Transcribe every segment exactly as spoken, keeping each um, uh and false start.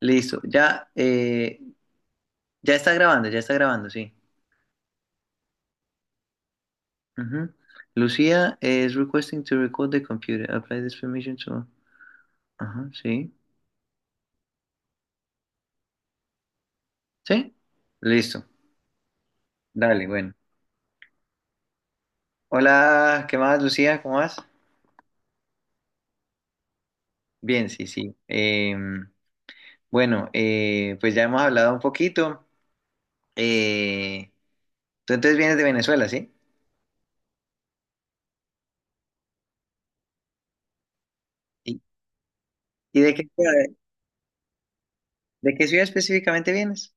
Listo, ya, eh, ya está grabando, ya está grabando, sí. Ujú. Lucía is requesting to record the computer. Apply this permission to. Ajá, sí. ¿Sí? Listo. Dale, bueno. Hola, ¿qué más, Lucía? ¿Cómo vas? Bien, sí, sí. Em, bueno, eh, pues ya hemos hablado un poquito. Eh, tú entonces vienes de Venezuela, ¿sí? ¿Y, y de qué, ciudad- de qué ciudad específicamente vienes?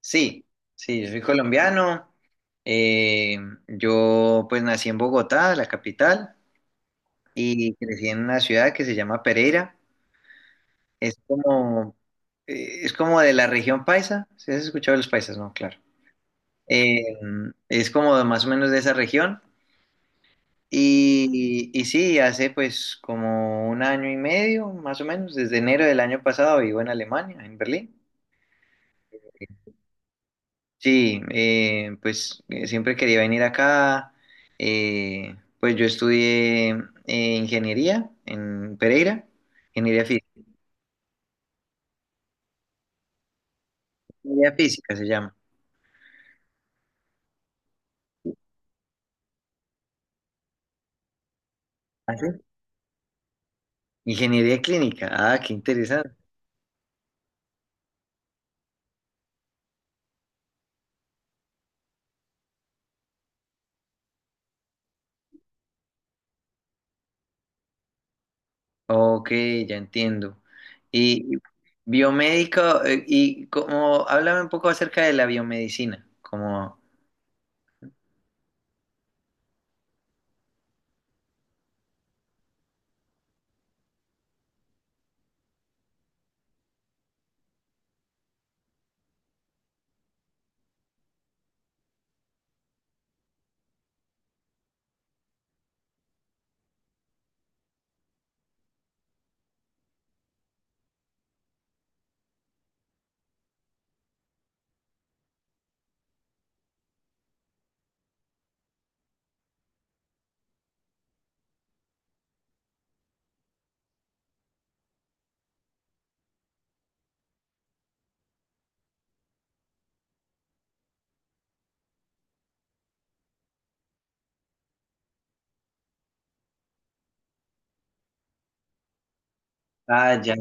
Sí, sí, yo soy colombiano. eh, yo pues nací en Bogotá, la capital, y crecí en una ciudad que se llama Pereira. Es como, eh, es como de la región paisa. ¿Sí has escuchado de los paisas? No, claro. Eh, es como de más o menos de esa región. Y, y sí, hace pues como un año y medio, más o menos, desde enero del año pasado vivo en Alemania, en Berlín. Sí, eh, pues eh, siempre quería venir acá. eh, pues yo estudié eh, ingeniería en Pereira, ingeniería física, ingeniería física se llama. ¿Ah, sí? Ingeniería clínica, ah, qué interesante. Ok, ya entiendo. Y biomédico, eh, y como, háblame un poco acerca de la biomedicina, como, ah, ya.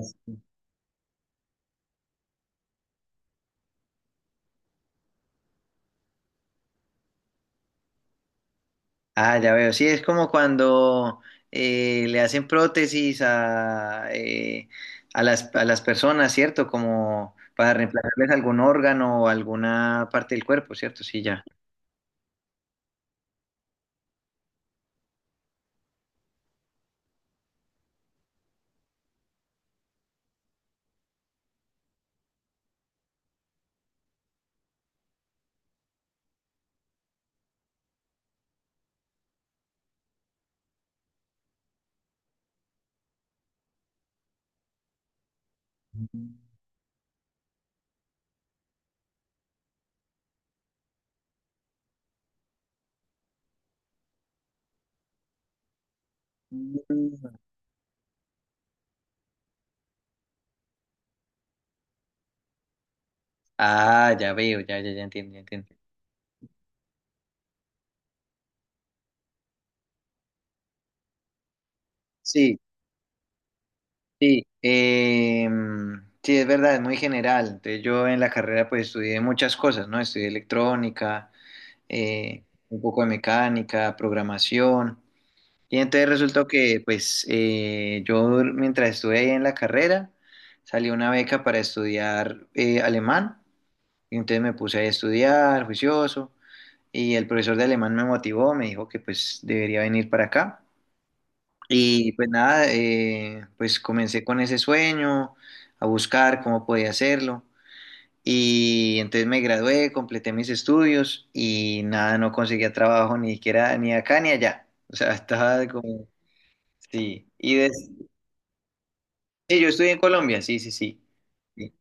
Ah, ya veo. Sí, es como cuando eh, le hacen prótesis a, eh, a las, a las personas, ¿cierto? Como para reemplazarles algún órgano o alguna parte del cuerpo, ¿cierto? Sí, ya. Ah, ya veo, ya, ya, ya entiendo, ya entiendo. Sí, sí. em, sí, es verdad, es muy general. Entonces, yo en la carrera pues estudié muchas cosas, ¿no? Estudié electrónica, eh, un poco de mecánica, programación. Y entonces resultó que, pues, eh, yo mientras estuve ahí en la carrera, salió una beca para estudiar eh, alemán. Y entonces me puse ahí a estudiar, juicioso. Y el profesor de alemán me motivó, me dijo que, pues, debería venir para acá. Y pues nada, eh, pues comencé con ese sueño, a buscar cómo podía hacerlo. Y entonces me gradué, completé mis estudios y nada, no conseguía trabajo ni siquiera ni acá ni allá. O sea, estaba como, sí. Y des- Sí, yo estudié en Colombia, sí, sí, sí. Sí.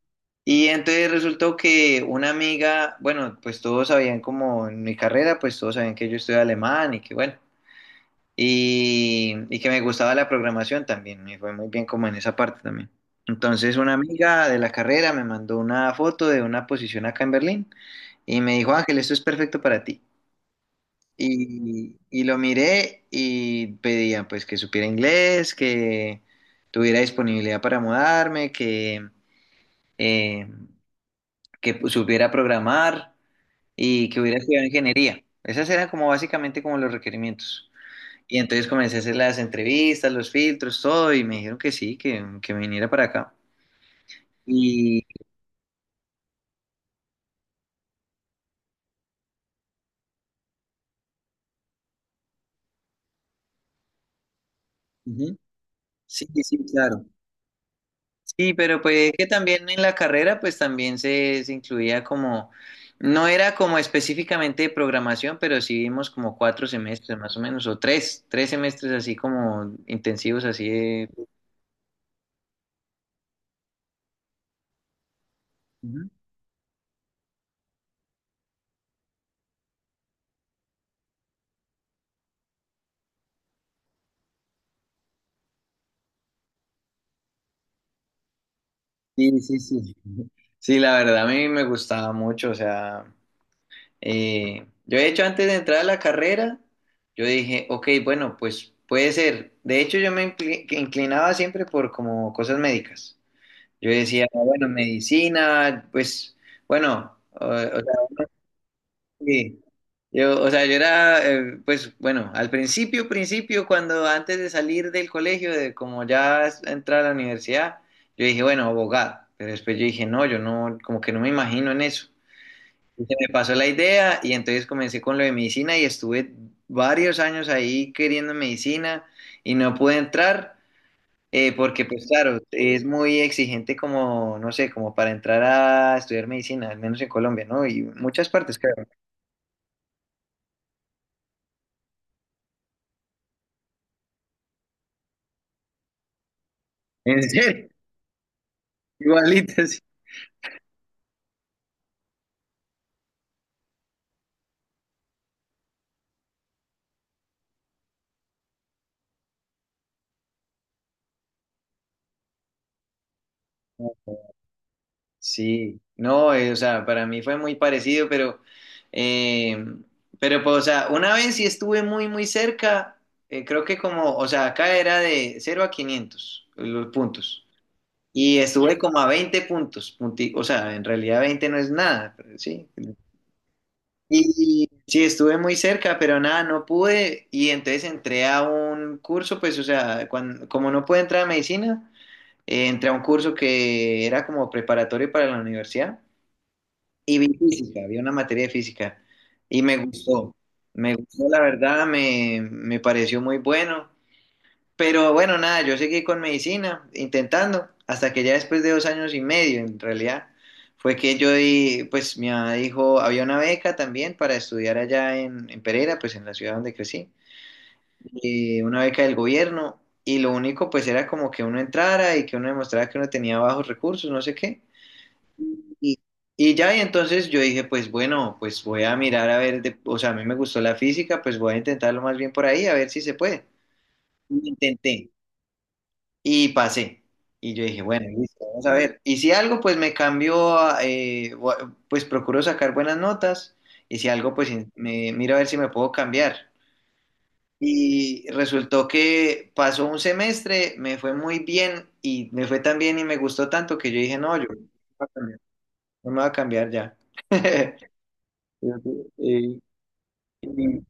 Y entonces resultó que una amiga, bueno, pues todos sabían como en mi carrera, pues todos sabían que yo estudié alemán y que bueno, y, y que me gustaba la programación también, me fue muy bien como en esa parte también. Entonces una amiga de la carrera me mandó una foto de una posición acá en Berlín y me dijo, Ángel, esto es perfecto para ti. Y, y lo miré y pedía pues que supiera inglés, que tuviera disponibilidad para mudarme, eh, que supiera programar y que hubiera estudiado ingeniería. Esas eran como básicamente como los requerimientos. Y entonces comencé a hacer las entrevistas, los filtros, todo, y me dijeron que sí, que, que viniera para acá. Y ujú, sí, sí, sí, claro. Sí, pero pues que también en la carrera, pues también se, se incluía como, no era como específicamente de programación, pero sí vimos como cuatro semestres más o menos, o tres, tres semestres así como intensivos, así de. Ujú. Sí, sí, sí. Sí, la verdad a mí me gustaba mucho, o sea, eh, yo de hecho antes de entrar a la carrera, yo dije, ok, bueno, pues puede ser. De hecho yo me incli- que inclinaba siempre por como cosas médicas. Yo decía, bueno, medicina, pues, bueno, o, o sea, sí, yo, o sea, yo era, eh, pues bueno, al principio, principio, cuando antes de salir del colegio, de como ya es- entrar a la universidad, yo dije, bueno, abogado, pero después yo dije, no, yo no, como que no me imagino en eso. Y se me pasó la idea y entonces comencé con lo de medicina y estuve varios años ahí queriendo medicina y no pude entrar eh, porque, pues claro, es muy exigente como, no sé, como para entrar a estudiar medicina, al menos en Colombia, ¿no? Y muchas partes, creo. En serio, igualitas. Sí, no, eh, o sea, para mí fue muy parecido, pero, eh, pero pues, o sea, una vez sí estuve muy, muy cerca, eh, creo que como, o sea, acá era de cero a quinientos los puntos, y estuve como a veinte puntos, punti- o sea, en realidad veinte no es nada, pero sí. Y sí, estuve muy cerca, pero nada, no pude, y entonces entré a un curso, pues, o sea, cuan- como no pude entrar a medicina, eh, entré a un curso que era como preparatorio para la universidad. Y vi física, vi una materia de física y me gustó. Me gustó, la verdad, me, me pareció muy bueno. Pero bueno, nada, yo seguí con medicina, intentando, hasta que ya después de dos años y medio, en realidad, fue que yo, di- pues mi mamá dijo, había una beca también para estudiar allá en, en, Pereira, pues en la ciudad donde crecí, eh, una beca del gobierno, y lo único pues era como que uno entrara y que uno demostrara que uno tenía bajos recursos, no sé qué. Y, y ya, y entonces yo dije, pues bueno, pues voy a mirar a ver, de- o sea, a mí me gustó la física, pues voy a intentarlo más bien por ahí, a ver si se puede. Y intenté y pasé. Y yo dije, bueno, listo, vamos a ver. Y si algo, pues me cambió, a, eh, bu- pues procuro sacar buenas notas. Y si algo, pues in- me miro a ver si me puedo cambiar. Y resultó que pasó un semestre, me fue muy bien y me fue tan bien y me gustó tanto que yo dije, no, yo no me voy a cambiar, no me voy a cambiar ya. Fíjate, eh, y-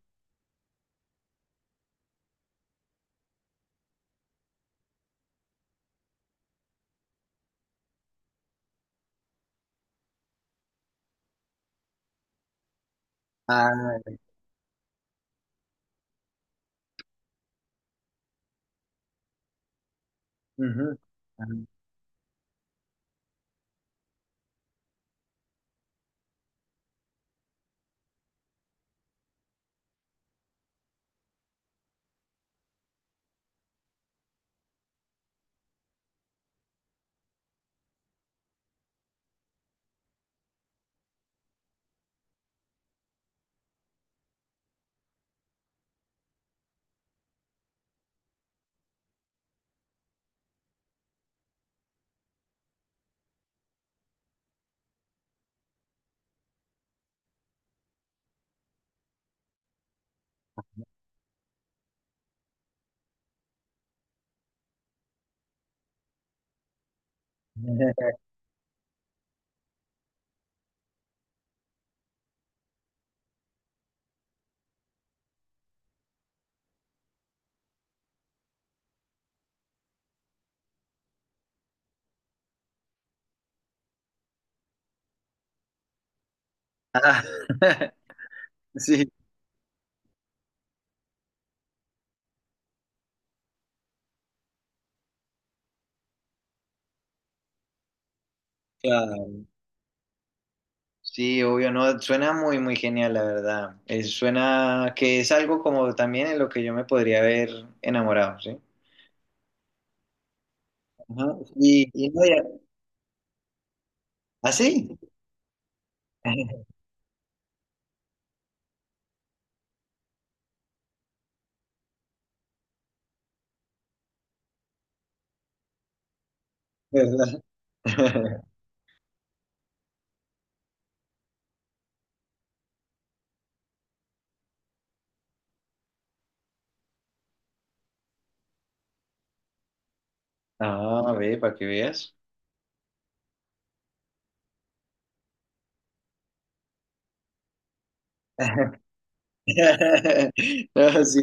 ah, ujú, ah, sí, claro. Sí, obvio, no, suena muy, muy genial, la verdad. Eh, suena que es algo como también en lo que yo me podría haber enamorado, ¿sí? Ajá, Y, y no, ya- ¿ah, sí? ¿Verdad? Ah, ve, para que veas. No, sí,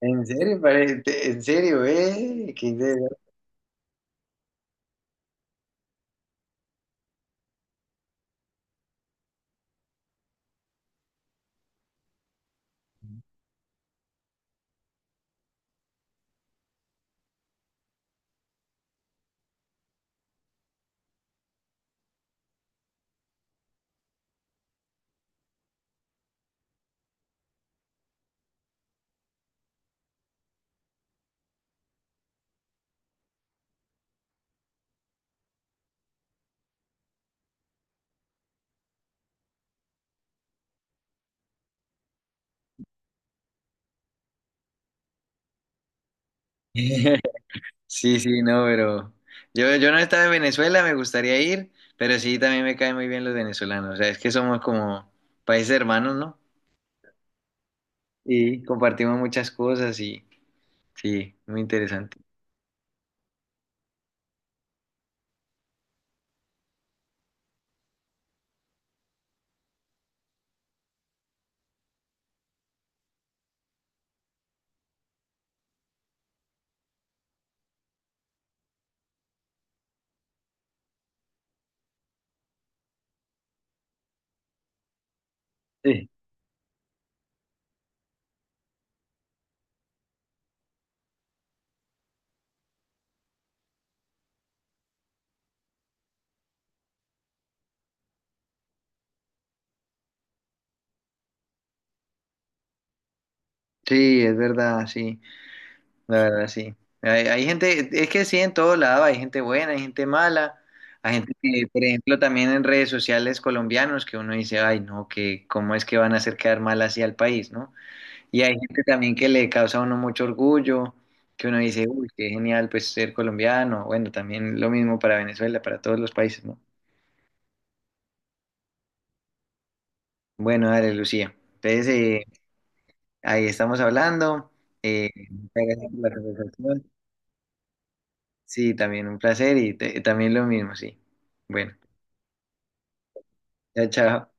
en serio, pare- te- en serio, ve, qué idea. Sí, sí, no, pero yo, yo no estaba en Venezuela, me gustaría ir, pero sí, también me caen muy bien los venezolanos. O sea, es que somos como países hermanos, ¿no? Y compartimos muchas cosas y sí, muy interesante. Sí, sí, es verdad, sí, la verdad, sí. Hay, hay gente, es que sí, en todo lado hay gente buena, hay gente mala, hay gente que, por ejemplo, también en redes sociales colombianos que uno dice, ay, no, que cómo es que van a hacer quedar mal así al país, ¿no? Y hay gente también que le causa a uno mucho orgullo, que uno dice, uy, qué genial pues ser colombiano. Bueno, también lo mismo para Venezuela, para todos los países, ¿no? Bueno, dale, Lucía. Entonces, eh, ahí estamos hablando. Eh, muchas gracias por la conversación. Sí, también un placer y te- también lo mismo, sí. Bueno, chao, chao.